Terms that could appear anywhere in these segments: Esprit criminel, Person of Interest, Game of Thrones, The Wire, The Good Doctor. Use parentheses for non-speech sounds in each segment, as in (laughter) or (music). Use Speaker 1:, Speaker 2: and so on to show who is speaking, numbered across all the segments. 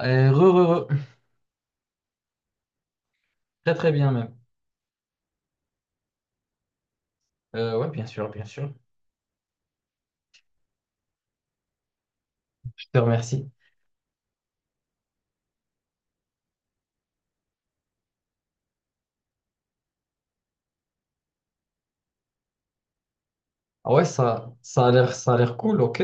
Speaker 1: Re. Très très bien même. Ouais, bien sûr, bien sûr. Je te remercie. Ah ouais, ça a l'air cool, ok.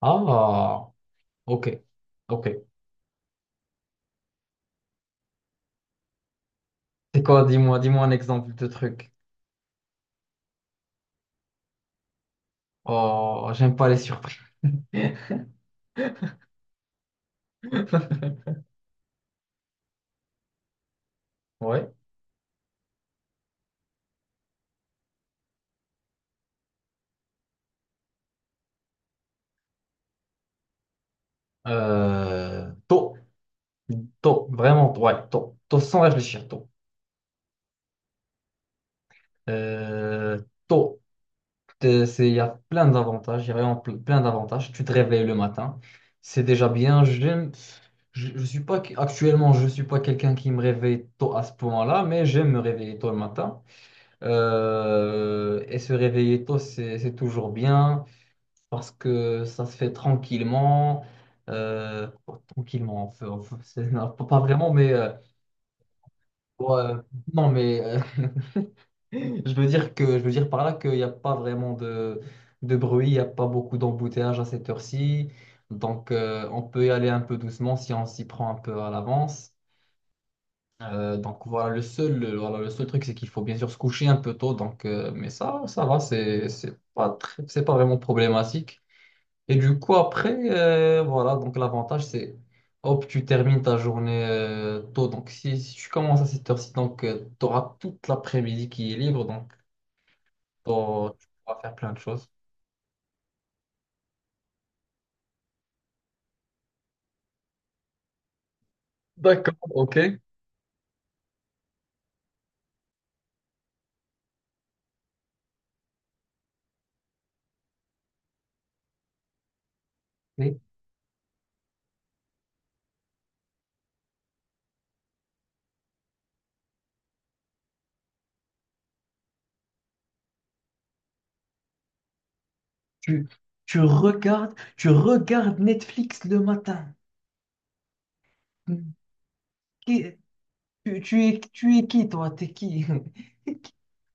Speaker 1: Ah, ok, ok. C'est quoi, dis-moi un exemple de truc. Oh, j'aime pas les surprises. (laughs) Ouais. Euh, tôt, tôt, vraiment, ouais, tôt, sans réfléchir, tôt. Euh, tôt. Il y a plein d'avantages, il y a plein d'avantages. Tu te réveilles le matin, c'est déjà bien. Je suis pas, actuellement, je suis pas quelqu'un qui me réveille tôt à ce point-là, mais j'aime me réveiller tôt le matin. Et se réveiller tôt, c'est toujours bien parce que ça se fait tranquillement. Bon, tranquillement, non, pas vraiment, mais ouais, non, mais je veux dire par là qu'il n'y a pas vraiment de bruit, il n'y a pas beaucoup d'embouteillage à cette heure-ci. Donc, on peut y aller un peu doucement si on s'y prend un peu à l'avance. Donc, voilà, voilà, le seul truc, c'est qu'il faut bien sûr se coucher un peu tôt. Mais ça, ça va, c'est pas vraiment problématique. Et du coup, après, voilà, donc l'avantage, c'est hop, tu termines ta journée tôt. Donc, si tu commences à cette heure-ci, donc, tu auras toute l'après-midi qui est libre. Donc, pour tu pourras faire plein de choses. D'accord, ok. Mais tu, tu regardes Netflix le matin. Qui- tu es qui, toi? T'es qui?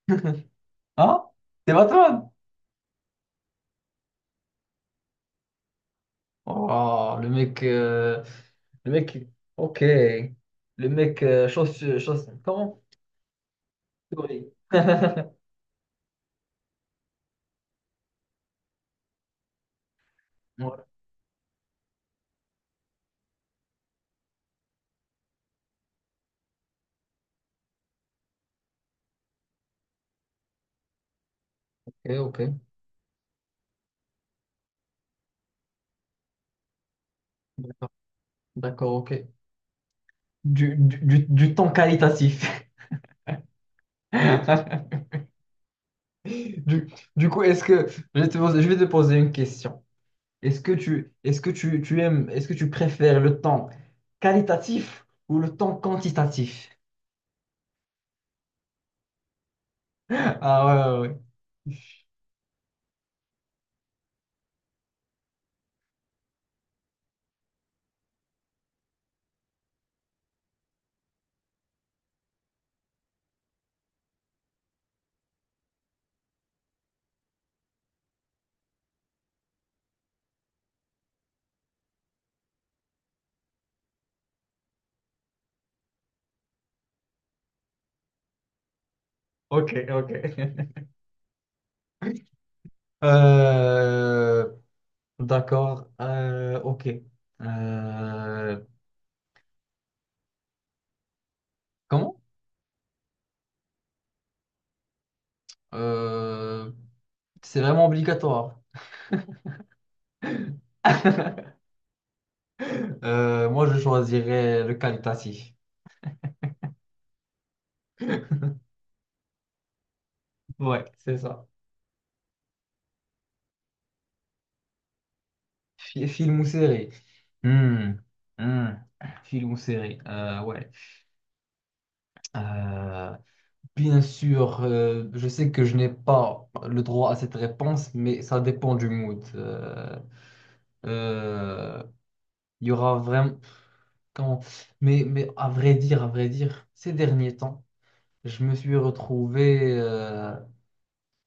Speaker 1: (laughs) Ah, c'est pas toi? Oh, le mec, ok. Le mec, chose, chose, comment? Oui. (laughs) Ouais, ok, ok. D'accord, d'accord, ok. Du temps qualitatif. (laughs) Du, du coup, est-ce que je vais te poser une question. Est-ce que tu aimes, est-ce que tu préfères le temps qualitatif ou le temps quantitatif? (laughs) Ah ouais, ouais. Ok, ok. (laughs) Euh, d'accord. Ok. Euh, comment? Euh, c'est vraiment obligatoire. (laughs) Moi, je choisirais le qualitatif. (laughs) Ouais, c'est ça. Film ou série? Hmm, hmm. Film ou série, ouais. Euh, bien sûr, je sais que je n'ai pas le droit à cette réponse, mais ça dépend du mood. Euh, Il y aura vraiment... Quand... Mais, à vrai dire, ces derniers temps, je me suis retrouvé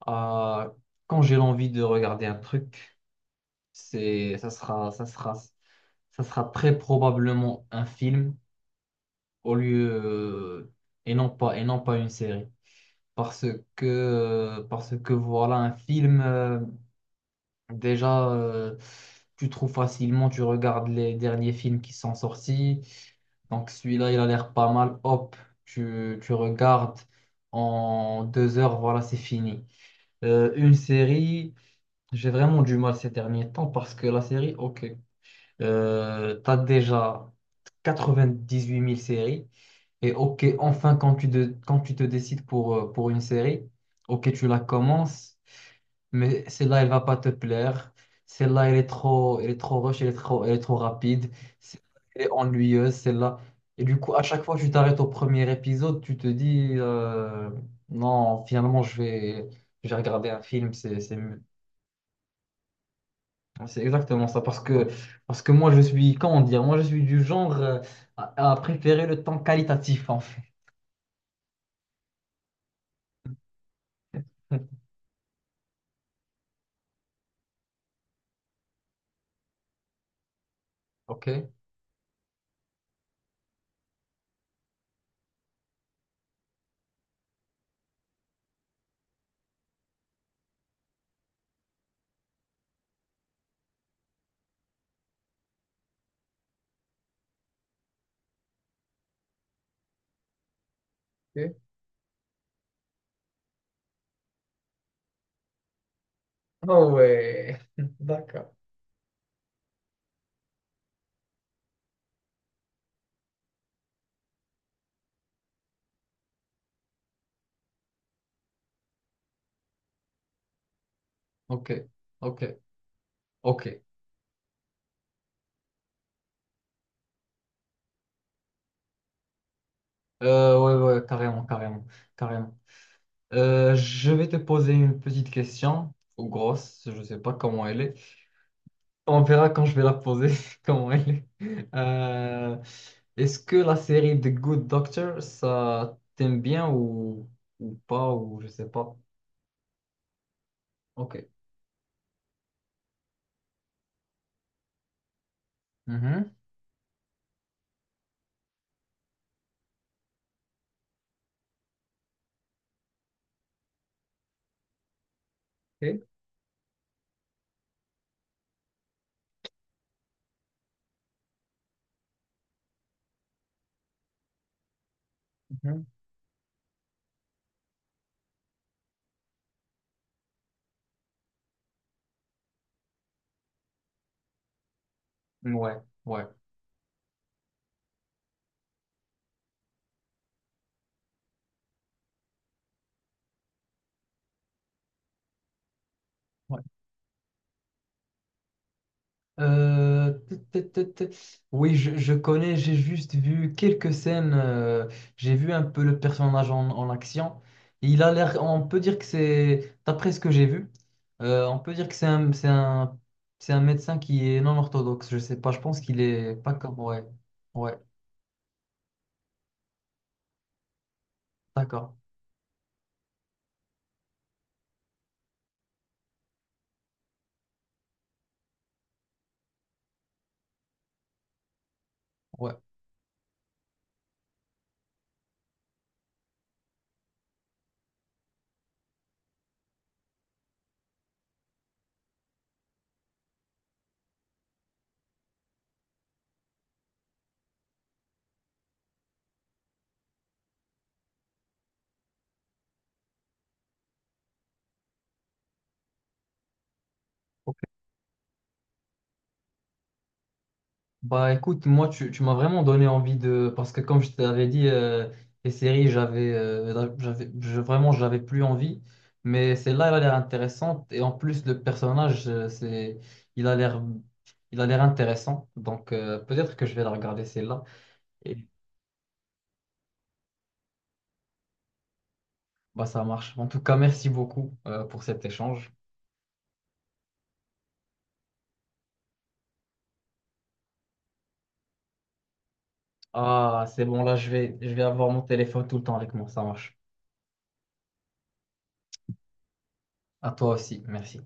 Speaker 1: à... Quand j'ai l'envie de regarder un truc, c'est... ça sera, ça sera, ça sera très probablement un film, au lieu et non pas une série parce que voilà, un film, déjà tu trouves facilement, tu regardes les derniers films qui sont sortis, donc celui-là il a l'air pas mal, hop, tu regardes, en 2 heures voilà c'est fini. Une série, j'ai vraiment du mal ces derniers temps parce que la série, ok, t'as déjà 98 000 séries, et ok, enfin, quand tu te décides pour une série, ok, tu la commences, mais celle-là, elle va pas te plaire. Celle-là, elle est trop rush, elle est trop rapide. Celle-là, elle est ennuyeuse, celle-là. Et du coup, à chaque fois que tu t'arrêtes au premier épisode, tu te dis, non, finalement, je vais regarder un film. C'est mieux. C'est exactement ça. Parce que moi, je suis, comment dire, moi, je suis du genre, à préférer le temps qualitatif, en fait. (laughs) Ok? Ah ouais, (laughs) d'accord. Ok, ok, ok. Euh, ouais, ouais, carrément. Je vais te poser une petite question, ou grosse, je sais pas comment elle est. On verra quand je vais la poser, (laughs) comment elle est. Euh, est-ce que la série The Good Doctor, ça t'aime bien ou pas, ou je sais pas. Ok. Mhm. Ok. Mhm. Ouais, ouais, ouais. Tut, tut, tut, tut. Oui, je connais, j'ai juste vu quelques scènes, j'ai vu un peu le personnage en action. Il a l'air, on peut dire que c'est, d'après ce que j'ai vu, on peut dire que c'est un médecin qui est non orthodoxe, je sais pas, je pense qu'il est pas comme, ouais, ouais, d'accord, ouais. Bah écoute, moi tu m'as vraiment donné envie de... Parce que comme je t'avais dit, les séries, vraiment, j'avais plus envie. Mais celle-là, elle a l'air intéressante. Et en plus, le personnage, il a l'air, il a l'air intéressant. Donc peut-être que je vais la regarder celle-là. Et bah ça marche. En tout cas, merci beaucoup pour cet échange. Ah, c'est bon, là, je vais avoir mon téléphone tout le temps avec moi. Ça marche. À toi aussi, merci.